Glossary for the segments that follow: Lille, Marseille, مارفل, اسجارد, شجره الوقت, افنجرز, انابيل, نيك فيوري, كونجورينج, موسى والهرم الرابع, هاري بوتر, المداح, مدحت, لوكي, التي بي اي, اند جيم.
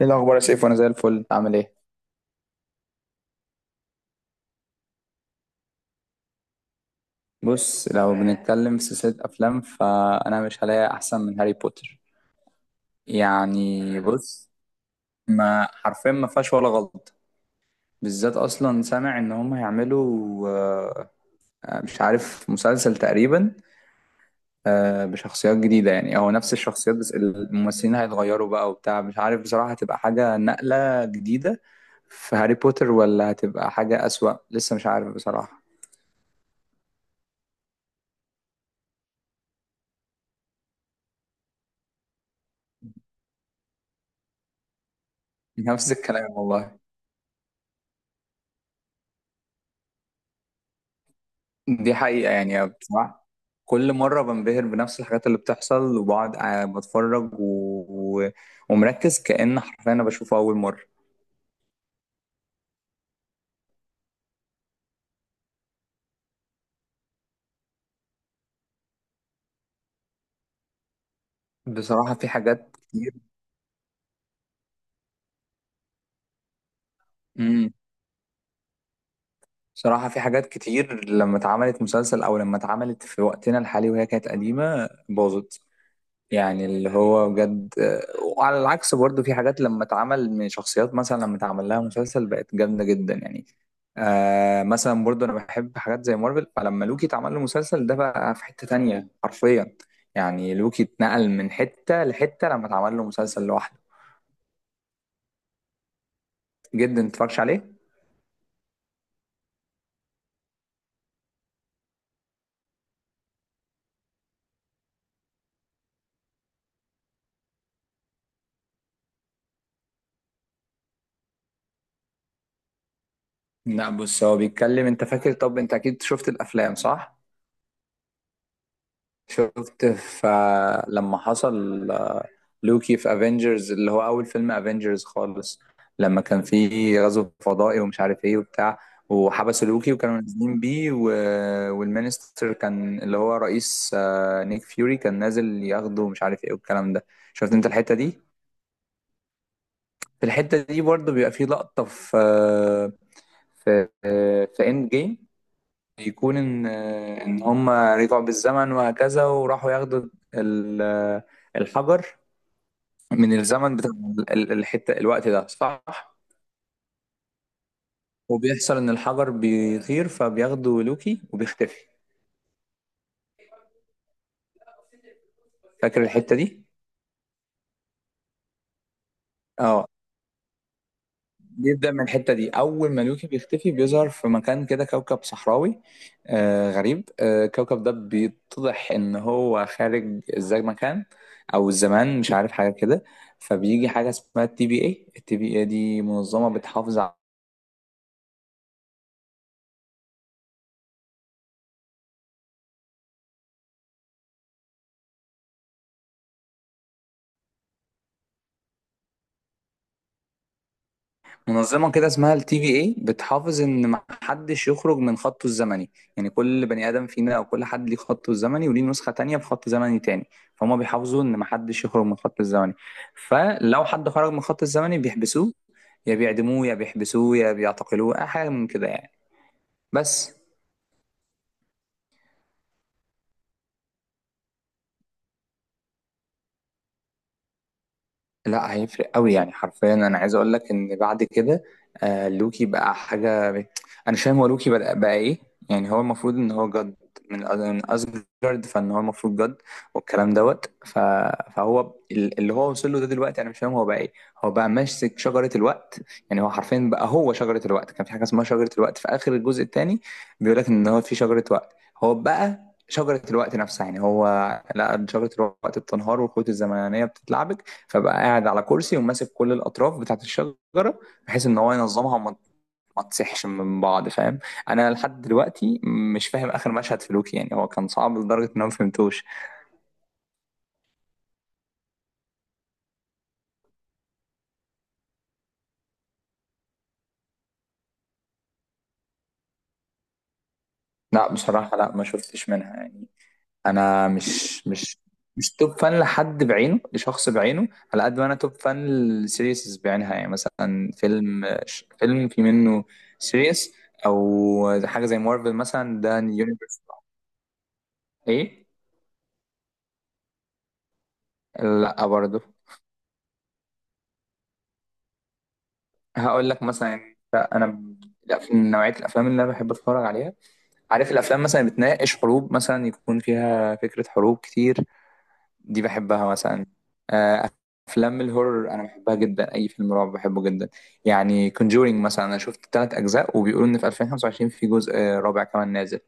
ايه الاخبار يا سيف؟ وانا زي الفل، عامل ايه؟ بص، لو بنتكلم في سلسلة أفلام فأنا مش هلاقي أحسن من هاري بوتر. يعني بص، ما حرفيا ما فيهاش ولا غلط. بالذات أصلا سامع إن هم هيعملوا، مش عارف، مسلسل تقريبا، بشخصيات جديدة. يعني هو نفس الشخصيات، بس الممثلين هيتغيروا بقى وبتاع. مش عارف بصراحة، هتبقى حاجة نقلة جديدة في هاري بوتر ولا هتبقى حاجة أسوأ؟ لسه مش عارف بصراحة. نفس الكلام والله. دي حقيقة يعني بصراحة. كل مرة بنبهر بنفس الحاجات اللي بتحصل وبقعد قاعد بتفرج و... و... ومركز، كأن حرفيا أنا بشوفه أول مرة. بصراحة في حاجات كتير. امم بصراحة في حاجات كتير، لما اتعملت مسلسل أو لما اتعملت في وقتنا الحالي وهي كانت قديمة، باظت. يعني اللي هو بجد. وعلى العكس برضه، في حاجات لما اتعمل من شخصيات مثلا، لما اتعمل لها مسلسل بقت جامدة جدا يعني. مثلا برضه انا بحب حاجات زي مارفل، فلما لوكي اتعمل له مسلسل، ده بقى في حتة تانية حرفيا. يعني لوكي اتنقل من حتة لحتة لما اتعمل له مسلسل لوحده. جدا، متفرجش عليه. لا بص، هو بيتكلم. انت فاكر؟ طب انت اكيد شفت الافلام، صح؟ شفت فلما حصل لوكي في افنجرز، اللي هو اول فيلم افنجرز خالص. لما كان في غزو فضائي ومش عارف ايه وبتاع، وحبسوا لوكي وكانوا نازلين بيه والمينستر كان اللي هو رئيس، نيك فيوري كان نازل ياخده ومش عارف ايه والكلام ده. شفت انت الحتة دي؟ في الحتة دي برضه بيبقى في لقطة في اند جيم، يكون ان هم رجعوا بالزمن وهكذا وراحوا ياخدوا ال- آه، الحجر من الزمن بتاع الحتة، الوقت ده، صح؟ وبيحصل ان الحجر بيطير، فبياخده لوكي وبيختفي. فاكر الحتة دي؟ اه. بيبدأ من الحتة دي، اول ما لوكي بيختفي بيظهر في مكان كده، كوكب صحراوي، غريب. الكوكب ده بيتضح ان هو خارج، ازاي مكان او الزمان، مش عارف حاجة كده. فبيجي حاجة اسمها التي بي اي، دي منظمة بتحافظ، منظمة كده اسمها التي في اي، بتحافظ ان محدش يخرج من خطه الزمني. يعني كل بني ادم فينا او كل حد ليه خطه الزمني وليه نسخة تانية في خط زمني تاني، فهم بيحافظوا ان محدش يخرج من خطه الزمني. فلو حد خرج من خطه الزمني بيحبسوه، يا بيعدموه يا بيحبسوه يا بيعتقلوه، اي حاجة من كده يعني. بس. لا، هيفرق قوي يعني. حرفيا انا عايز اقول لك ان بعد كده، لوكي بقى حاجه انا مش فاهم هو. لوكي بقى ايه؟ يعني هو المفروض ان هو جد، من اسجارد، فان هو المفروض جد والكلام دوت فهو اللي هو وصل له ده دلوقتي، انا مش فاهم هو بقى ايه. هو بقى ماسك شجره الوقت. يعني هو حرفيا بقى هو شجره الوقت. كان في حاجه اسمها شجره الوقت في اخر الجزء الثاني، بيقول لك ان هو في شجره وقت. هو بقى شجرة الوقت نفسها، يعني هو، لا، شجرة الوقت بتنهار والخيوط الزمنية بتتلعبك، فبقى قاعد على كرسي وماسك كل الاطراف بتاعت الشجره، بحيث ان هو ينظمها وما ما تصحش من بعض، فاهم؟ انا لحد دلوقتي مش فاهم اخر مشهد في لوكي، يعني هو كان صعب لدرجه ان انا ما فهمتوش. لا بصراحه، لا ما شفتش منها يعني. انا مش توب فان لحد بعينه، لشخص بعينه. على قد ما انا توب فان للسيريسز بعينها، يعني مثلا فيلم في منه سيريس، او حاجه زي مارفل مثلا، ده يونيفرس. ايه؟ لا برضه. هقول لك مثلا، يعني من نوعيه الافلام اللي انا بحب اتفرج عليها، عارف، الافلام مثلا اللي بتناقش حروب، مثلا يكون فيها فكره حروب كتير. دي بحبها مثلا. آه، افلام الهورر انا بحبها جدا، اي فيلم رعب بحبه جدا. يعني كونجورينج مثلا، انا شفت 3 اجزاء، وبيقولوا ان في 2025 في جزء رابع كمان نازل.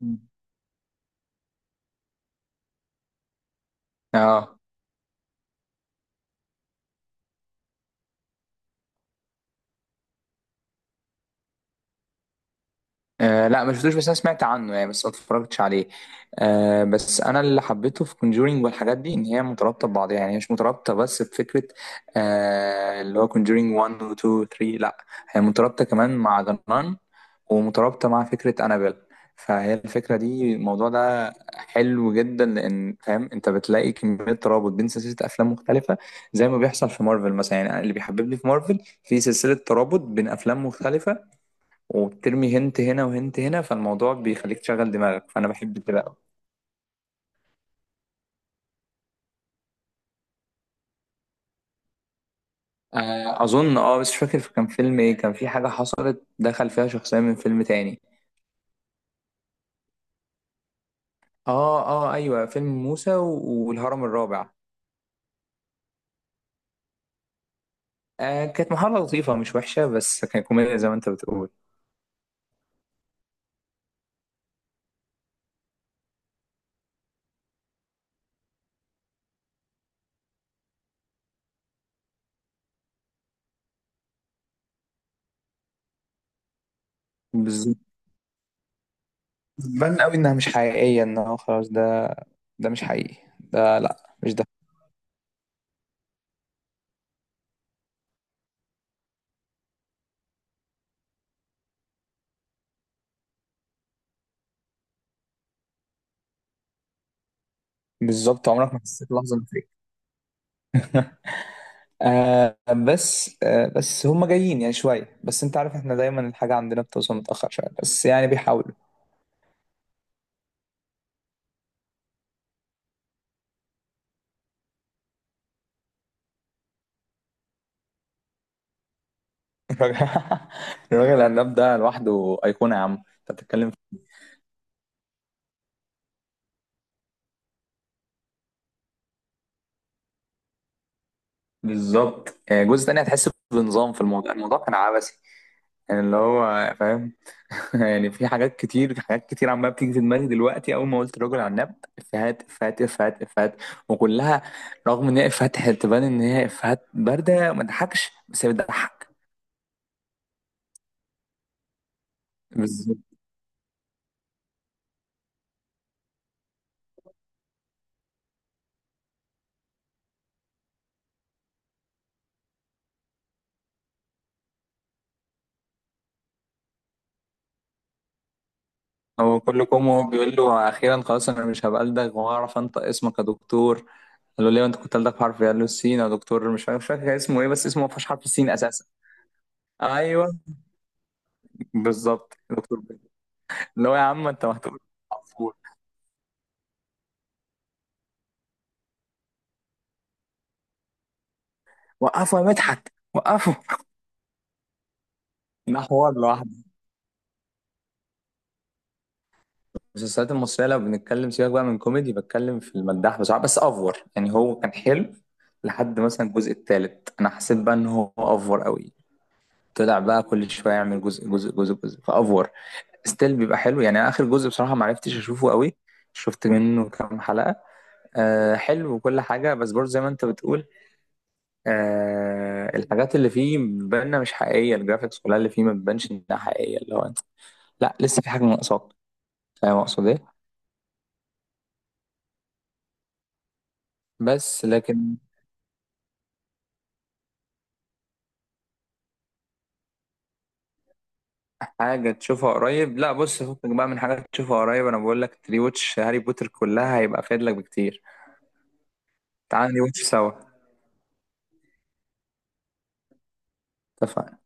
مم. اه. لا، ما شفتوش بس انا سمعت عنه يعني، بس ما اتفرجتش عليه. بس انا اللي حبيته في كونجورينج والحاجات دي، ان هي مترابطه ببعضها، يعني هي مش مترابطه بس بفكره. اللي هو كونجورينج 1 و 2 و 3، لا، هي مترابطه كمان مع جنان، ومترابطه مع فكره انابيل. فهي الفكره دي، الموضوع ده حلو جدا، لان فاهم انت بتلاقي كميه ترابط بين سلسله افلام مختلفه، زي ما بيحصل في مارفل مثلا. يعني اللي بيحببني في مارفل، في سلسله ترابط بين افلام مختلفه، وبترمي هنت هنا وهنت هنا، فالموضوع بيخليك تشغل دماغك، فانا بحب كده قوي. اظن اه، بس مش فاكر كان فيلم ايه. كان في حاجه حصلت دخل فيها شخصيه من فيلم تاني. اه، اه، ايوه، فيلم موسى والهرم الرابع. كانت محاولة لطيفة مش وحشة، بس كان كوميديا زي ما انت بتقول. بالظبط. بان قوي انها مش حقيقية، انه خلاص ده، مش حقيقي، ده لا، مش ده. بالظبط، عمرك ما حسيت لحظة؟ آه بس، بس هم جايين يعني شوية، بس انت عارف احنا دايما الحاجة عندنا بتوصل متأخر شوية، بس يعني بيحاولوا. الراجل الراجل العناب ده لوحده أيقونة، يا عم انت بتتكلم بالظبط. جزء تاني هتحس بنظام في الموضوع، الموضوع كان عبثي. يعني اللي هو فاهم. يعني في حاجات كتير عمالة بتيجي في دماغي دلوقتي، أول ما قلت الراجل عناب، إفيهات إفيهات إفيهات إفيهات، وكلها رغم إن هي إفيهات تبان إن هي إفيهات باردة، ما تضحكش بس هي بتضحك. هو كل كومو بيقول له: اخيرا خلاص انا مش هبقى الدغ وهعرف انطق اسمك يا دكتور. قال له: ليه انت كنت الدغ حرف إيه؟ قال له: السين يا دكتور. مش فاكر كان اسمه ايه، بس اسمه ما فيهوش حرف السين اساسا. ايوه. بالظبط يا دكتور بيه. اللي هو يا عم انت، ما هتقول، وقفوا، وقفوا يا مدحت، وقفوا. ده حوار لوحده. المسلسلات المصريه لو بنتكلم، سيبك بقى من كوميدي، بتكلم في المداح بصراحه، بس افور يعني هو كان حلو. لحد مثلا الجزء الثالث، انا حسيت بقى ان هو افور قوي. طلع بقى كل شويه يعمل جزء جزء جزء جزء، فافور ستيل بيبقى حلو يعني. اخر جزء بصراحه ما عرفتش اشوفه قوي، شفت منه كام حلقه. حلو وكل حاجه، بس برضه زي ما انت بتقول، الحاجات اللي فيه بتبان مش حقيقيه، الجرافيكس كلها اللي فيه ما بتبانش انها حقيقيه. اللي هو انت، لا، لسه في حاجه ناقصاك. فاهم اقصد ايه؟ بس لكن. حاجه تشوفها قريب؟ لا بص، فكك بقى من حاجات تشوفها قريب. انا بقول لك ري واتش هاري بوتر كلها، هيبقى فايد لك بكتير. تعال ري واتش سوا. اتفقنا.